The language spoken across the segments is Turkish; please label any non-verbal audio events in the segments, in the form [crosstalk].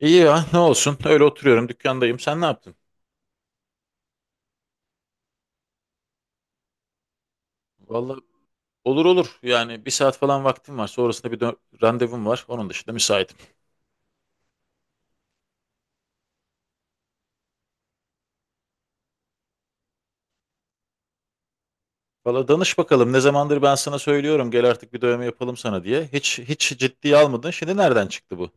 İyi ya, ne olsun, öyle oturuyorum, dükkandayım. Sen ne yaptın? Vallahi olur olur, yani bir saat falan vaktim var, sonrasında randevum var, onun dışında müsaitim. Valla danış bakalım, ne zamandır ben sana söylüyorum, gel artık bir dövme yapalım sana diye, hiç hiç ciddiye almadın, şimdi nereden çıktı bu?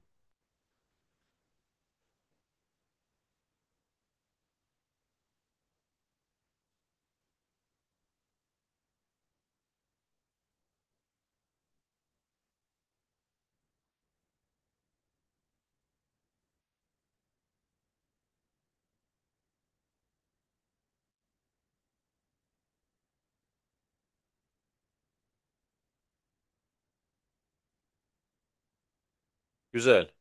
Güzel.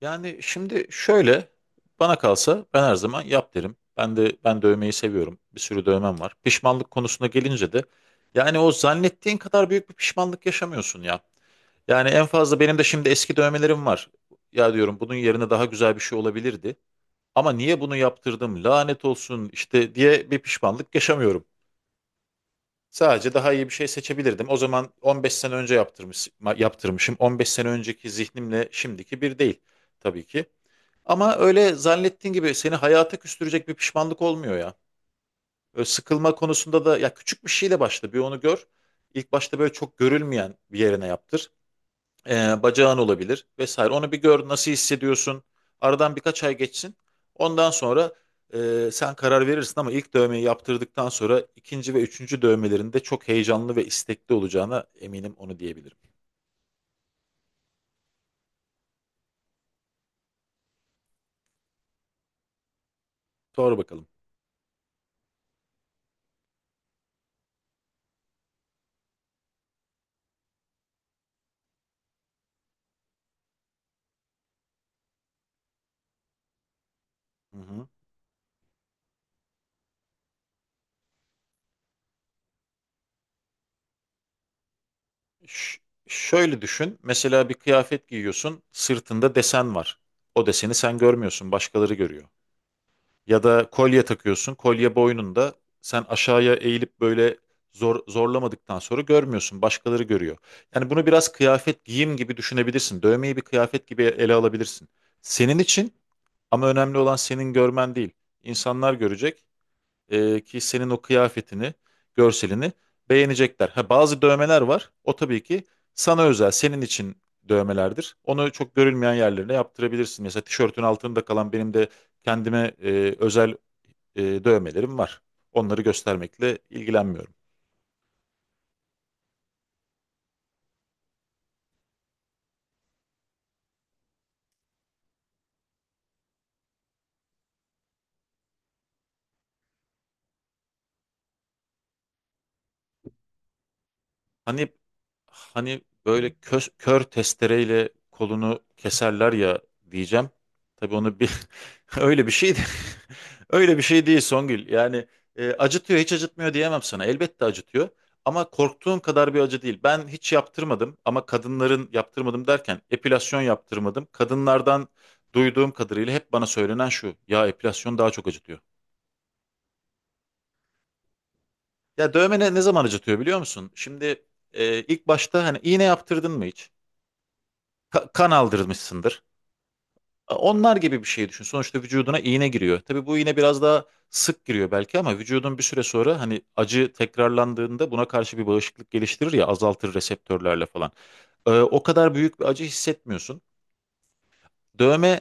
Yani şimdi şöyle, bana kalsa ben her zaman yap derim. Ben de, ben dövmeyi seviyorum, bir sürü dövmem var. Pişmanlık konusuna gelince de yani o zannettiğin kadar büyük bir pişmanlık yaşamıyorsun ya. Yani en fazla benim de şimdi eski dövmelerim var. Ya diyorum bunun yerine daha güzel bir şey olabilirdi. Ama niye bunu yaptırdım, lanet olsun işte diye bir pişmanlık yaşamıyorum. Sadece daha iyi bir şey seçebilirdim. O zaman 15 sene önce yaptırmışım. 15 sene önceki zihnimle şimdiki bir değil tabii ki. Ama öyle zannettiğin gibi seni hayata küstürecek bir pişmanlık olmuyor ya. Öyle sıkılma konusunda da, ya küçük bir şeyle başla, bir onu gör. İlk başta böyle çok görülmeyen bir yerine yaptır. Bacağın olabilir vesaire. Onu bir gör, nasıl hissediyorsun. Aradan birkaç ay geçsin. Ondan sonra sen karar verirsin. Ama ilk dövmeyi yaptırdıktan sonra ikinci ve üçüncü dövmelerinde çok heyecanlı ve istekli olacağına eminim, onu diyebilirim. Sonra bakalım. Hı hı. Ş- şöyle düşün. Mesela bir kıyafet giyiyorsun, sırtında desen var. O deseni sen görmüyorsun, başkaları görüyor. Ya da kolye takıyorsun, kolye boynunda. Sen aşağıya eğilip böyle zorlamadıktan sonra görmüyorsun, başkaları görüyor. Yani bunu biraz kıyafet, giyim gibi düşünebilirsin. Dövmeyi bir kıyafet gibi ele alabilirsin. Senin için, ama önemli olan senin görmen değil. İnsanlar görecek ki senin o kıyafetini, görselini beğenecekler. Ha, bazı dövmeler var, o tabii ki sana özel, senin için dövmelerdir. Onu çok görülmeyen yerlerine yaptırabilirsin. Mesela tişörtün altında kalan, benim de kendime özel dövmelerim var. Onları göstermekle ilgilenmiyorum. Hani hani böyle kör testereyle kolunu keserler ya diyeceğim. Tabii onu bir [laughs] öyle bir şey de- [laughs] öyle bir şey değil, Songül. Yani acıtıyor hiç acıtmıyor diyemem sana. Elbette acıtıyor. Ama korktuğum kadar bir acı değil. Ben hiç yaptırmadım, ama kadınların, yaptırmadım derken epilasyon yaptırmadım. Kadınlardan duyduğum kadarıyla hep bana söylenen şu: ya epilasyon daha çok acıtıyor. Ya dövme ne zaman acıtıyor biliyor musun? Şimdi ilk başta, hani iğne yaptırdın mı hiç? Kan aldırmışsındır. Onlar gibi bir şey düşün. Sonuçta vücuduna iğne giriyor. Tabii bu iğne biraz daha sık giriyor belki, ama vücudun bir süre sonra, hani acı tekrarlandığında buna karşı bir bağışıklık geliştirir ya, azaltır reseptörlerle falan. O kadar büyük bir acı hissetmiyorsun. Dövme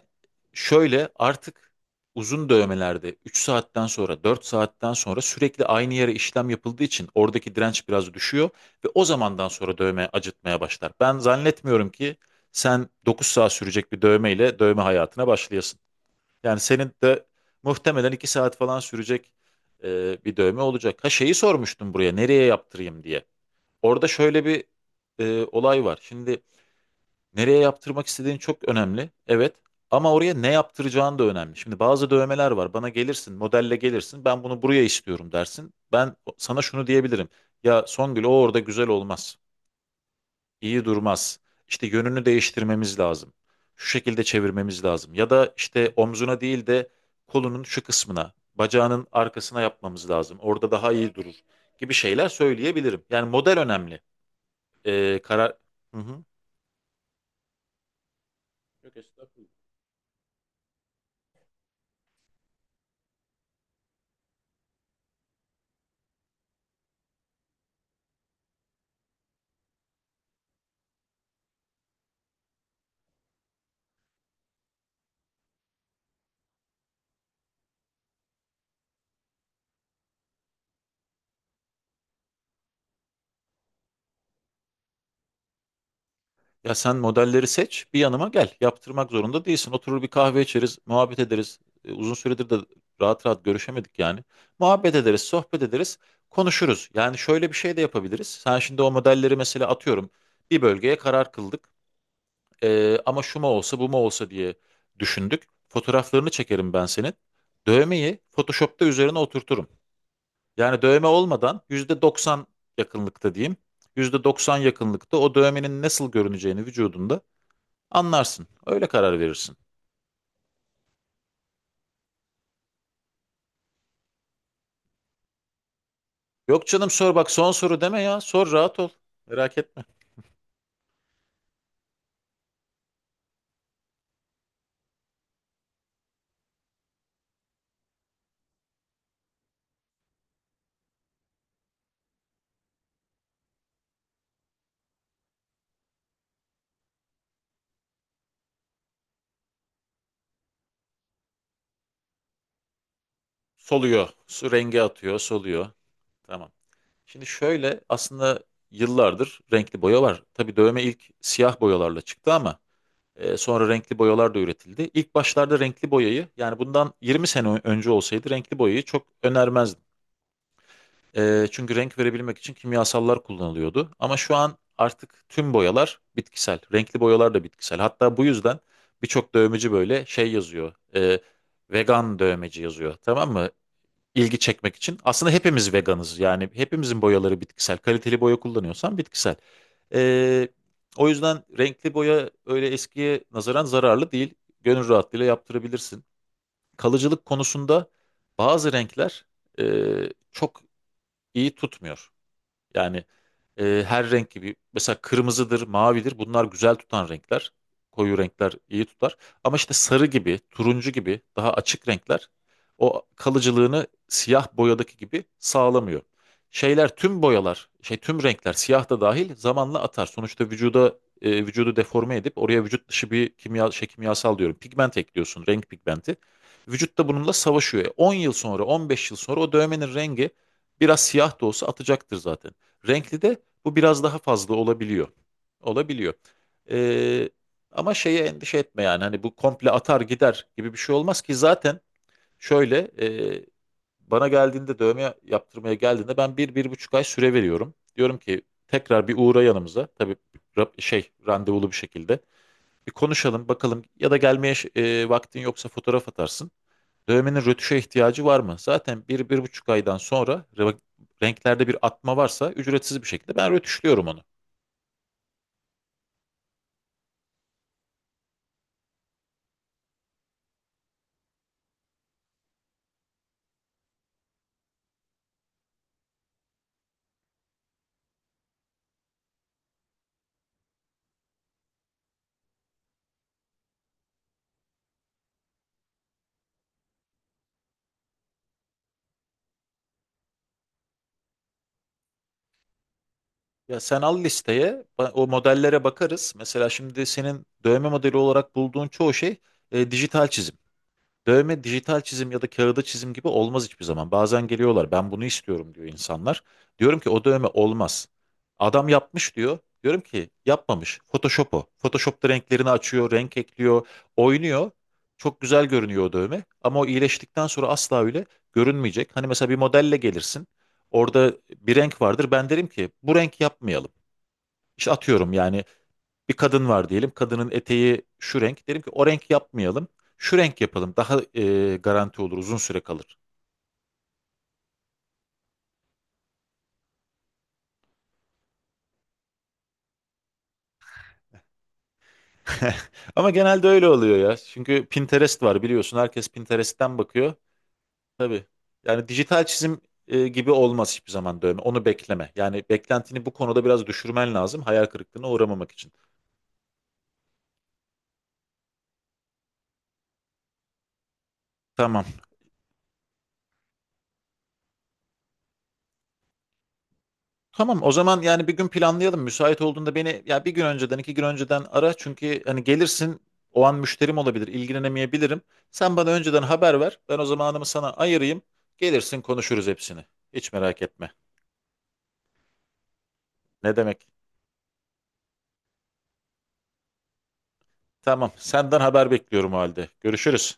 şöyle, artık uzun dövmelerde 3 saatten sonra, 4 saatten sonra, sürekli aynı yere işlem yapıldığı için oradaki direnç biraz düşüyor ve o zamandan sonra dövme acıtmaya başlar. Ben zannetmiyorum ki sen 9 saat sürecek bir dövmeyle dövme hayatına başlayasın. Yani senin de muhtemelen 2 saat falan sürecek bir dövme olacak. Ha, şeyi sormuştum, buraya nereye yaptırayım diye. Orada şöyle bir olay var. Şimdi, nereye yaptırmak istediğin çok önemli, evet. Ama oraya ne yaptıracağın da önemli. Şimdi bazı dövmeler var. Bana gelirsin, modelle gelirsin, ben bunu buraya istiyorum dersin. Ben sana şunu diyebilirim: ya Songül, o orada güzel olmaz, İyi durmaz. İşte yönünü değiştirmemiz lazım, şu şekilde çevirmemiz lazım. Ya da işte omzuna değil de kolunun şu kısmına, bacağının arkasına yapmamız lazım, orada daha iyi durur gibi şeyler söyleyebilirim. Yani model önemli. Karar... Hı hı. Yok, estağfurullah. Ya sen modelleri seç, bir yanıma gel. Yaptırmak zorunda değilsin. Oturur bir kahve içeriz, muhabbet ederiz. E, uzun süredir de rahat rahat görüşemedik yani. Muhabbet ederiz, sohbet ederiz, konuşuruz. Yani şöyle bir şey de yapabiliriz. Sen şimdi o modelleri, mesela atıyorum, bir bölgeye karar kıldık. E, ama şu mu olsa, bu mu olsa diye düşündük. Fotoğraflarını çekerim ben senin, dövmeyi Photoshop'ta üzerine oturturum. Yani dövme olmadan %90 yakınlıkta diyeyim. %90 yakınlıkta o dövmenin nasıl görüneceğini vücudunda anlarsın. Öyle karar verirsin. Yok canım, sor. Bak, son soru deme ya, sor, rahat ol. Merak etme. Soluyor, su rengi atıyor, soluyor. Tamam. Şimdi şöyle, aslında yıllardır renkli boya var. Tabii dövme ilk siyah boyalarla çıktı, ama sonra renkli boyalar da üretildi. İlk başlarda renkli boyayı, yani bundan 20 sene önce olsaydı, renkli boyayı çok önermezdim. Çünkü renk verebilmek için kimyasallar kullanılıyordu. Ama şu an artık tüm boyalar bitkisel, renkli boyalar da bitkisel. Hatta bu yüzden birçok dövmeci böyle şey yazıyor, vegan dövmeci yazıyor. Tamam mı? İlgi çekmek için. Aslında hepimiz veganız. Yani hepimizin boyaları bitkisel. Kaliteli boya kullanıyorsan bitkisel. Ee, O yüzden renkli boya öyle eskiye nazaran zararlı değil, gönül rahatlığıyla yaptırabilirsin. Kalıcılık konusunda bazı renkler e, çok iyi tutmuyor. Yani her renk gibi, mesela kırmızıdır, mavidir, bunlar güzel tutan renkler. Koyu renkler iyi tutar. Ama işte sarı gibi, turuncu gibi daha açık renkler o kalıcılığını siyah boyadaki gibi sağlamıyor. Şeyler, tüm boyalar, şey, tüm renkler, siyah da dahil, zamanla atar. Sonuçta vücuda, vücudu deforme edip oraya vücut dışı bir kimya, şey, kimyasal diyorum, pigment ekliyorsun, renk pigmenti. Vücut da bununla savaşıyor. E, 10 yıl sonra, 15 yıl sonra o dövmenin rengi biraz, siyah da olsa atacaktır zaten. Renkli de bu biraz daha fazla olabiliyor. Olabiliyor. Ee, Ama şeye endişe etme, yani hani bu komple atar gider gibi bir şey olmaz ki zaten. Şöyle, e, bana geldiğinde, dövme yaptırmaya geldiğinde ben bir, bir buçuk ay süre veriyorum. Diyorum ki tekrar bir uğra yanımıza, tabii şey, randevulu bir şekilde bir konuşalım bakalım. Ya da gelmeye vaktin yoksa fotoğraf atarsın, dövmenin rötuşa ihtiyacı var mı? Zaten bir, bir buçuk aydan sonra renklerde bir atma varsa ücretsiz bir şekilde ben rötuşluyorum onu. Ya sen al listeye, o modellere bakarız. Mesela şimdi senin dövme modeli olarak bulduğun çoğu şey dijital çizim. Dövme, dijital çizim ya da kağıda çizim gibi olmaz hiçbir zaman. Bazen geliyorlar, ben bunu istiyorum diyor insanlar. Diyorum ki o dövme olmaz. Adam yapmış diyor. Diyorum ki yapmamış, Photoshop o. Photoshop'ta renklerini açıyor, renk ekliyor, oynuyor. Çok güzel görünüyor o dövme. Ama o iyileştikten sonra asla öyle görünmeyecek. Hani mesela bir modelle gelirsin, orada bir renk vardır. Ben derim ki bu renk yapmayalım. İşte atıyorum, yani bir kadın var diyelim, kadının eteği şu renk. Derim ki o renk yapmayalım, şu renk yapalım. Daha garanti olur, uzun süre kalır. [laughs] Ama genelde öyle oluyor ya. Çünkü Pinterest var, biliyorsun. Herkes Pinterest'ten bakıyor. Tabii. Yani dijital çizim gibi olmaz hiçbir zaman dövme. Onu bekleme. Yani beklentini bu konuda biraz düşürmen lazım, hayal kırıklığına uğramamak için. Tamam. Tamam, o zaman yani bir gün planlayalım. Müsait olduğunda beni ya bir gün önceden, 2 gün önceden ara. Çünkü hani gelirsin, o an müşterim olabilir, ilgilenemeyebilirim. Sen bana önceden haber ver, ben o zamanımı sana ayırayım. Gelirsin, konuşuruz hepsini. Hiç merak etme. Ne demek? Tamam, senden haber bekliyorum o halde. Görüşürüz.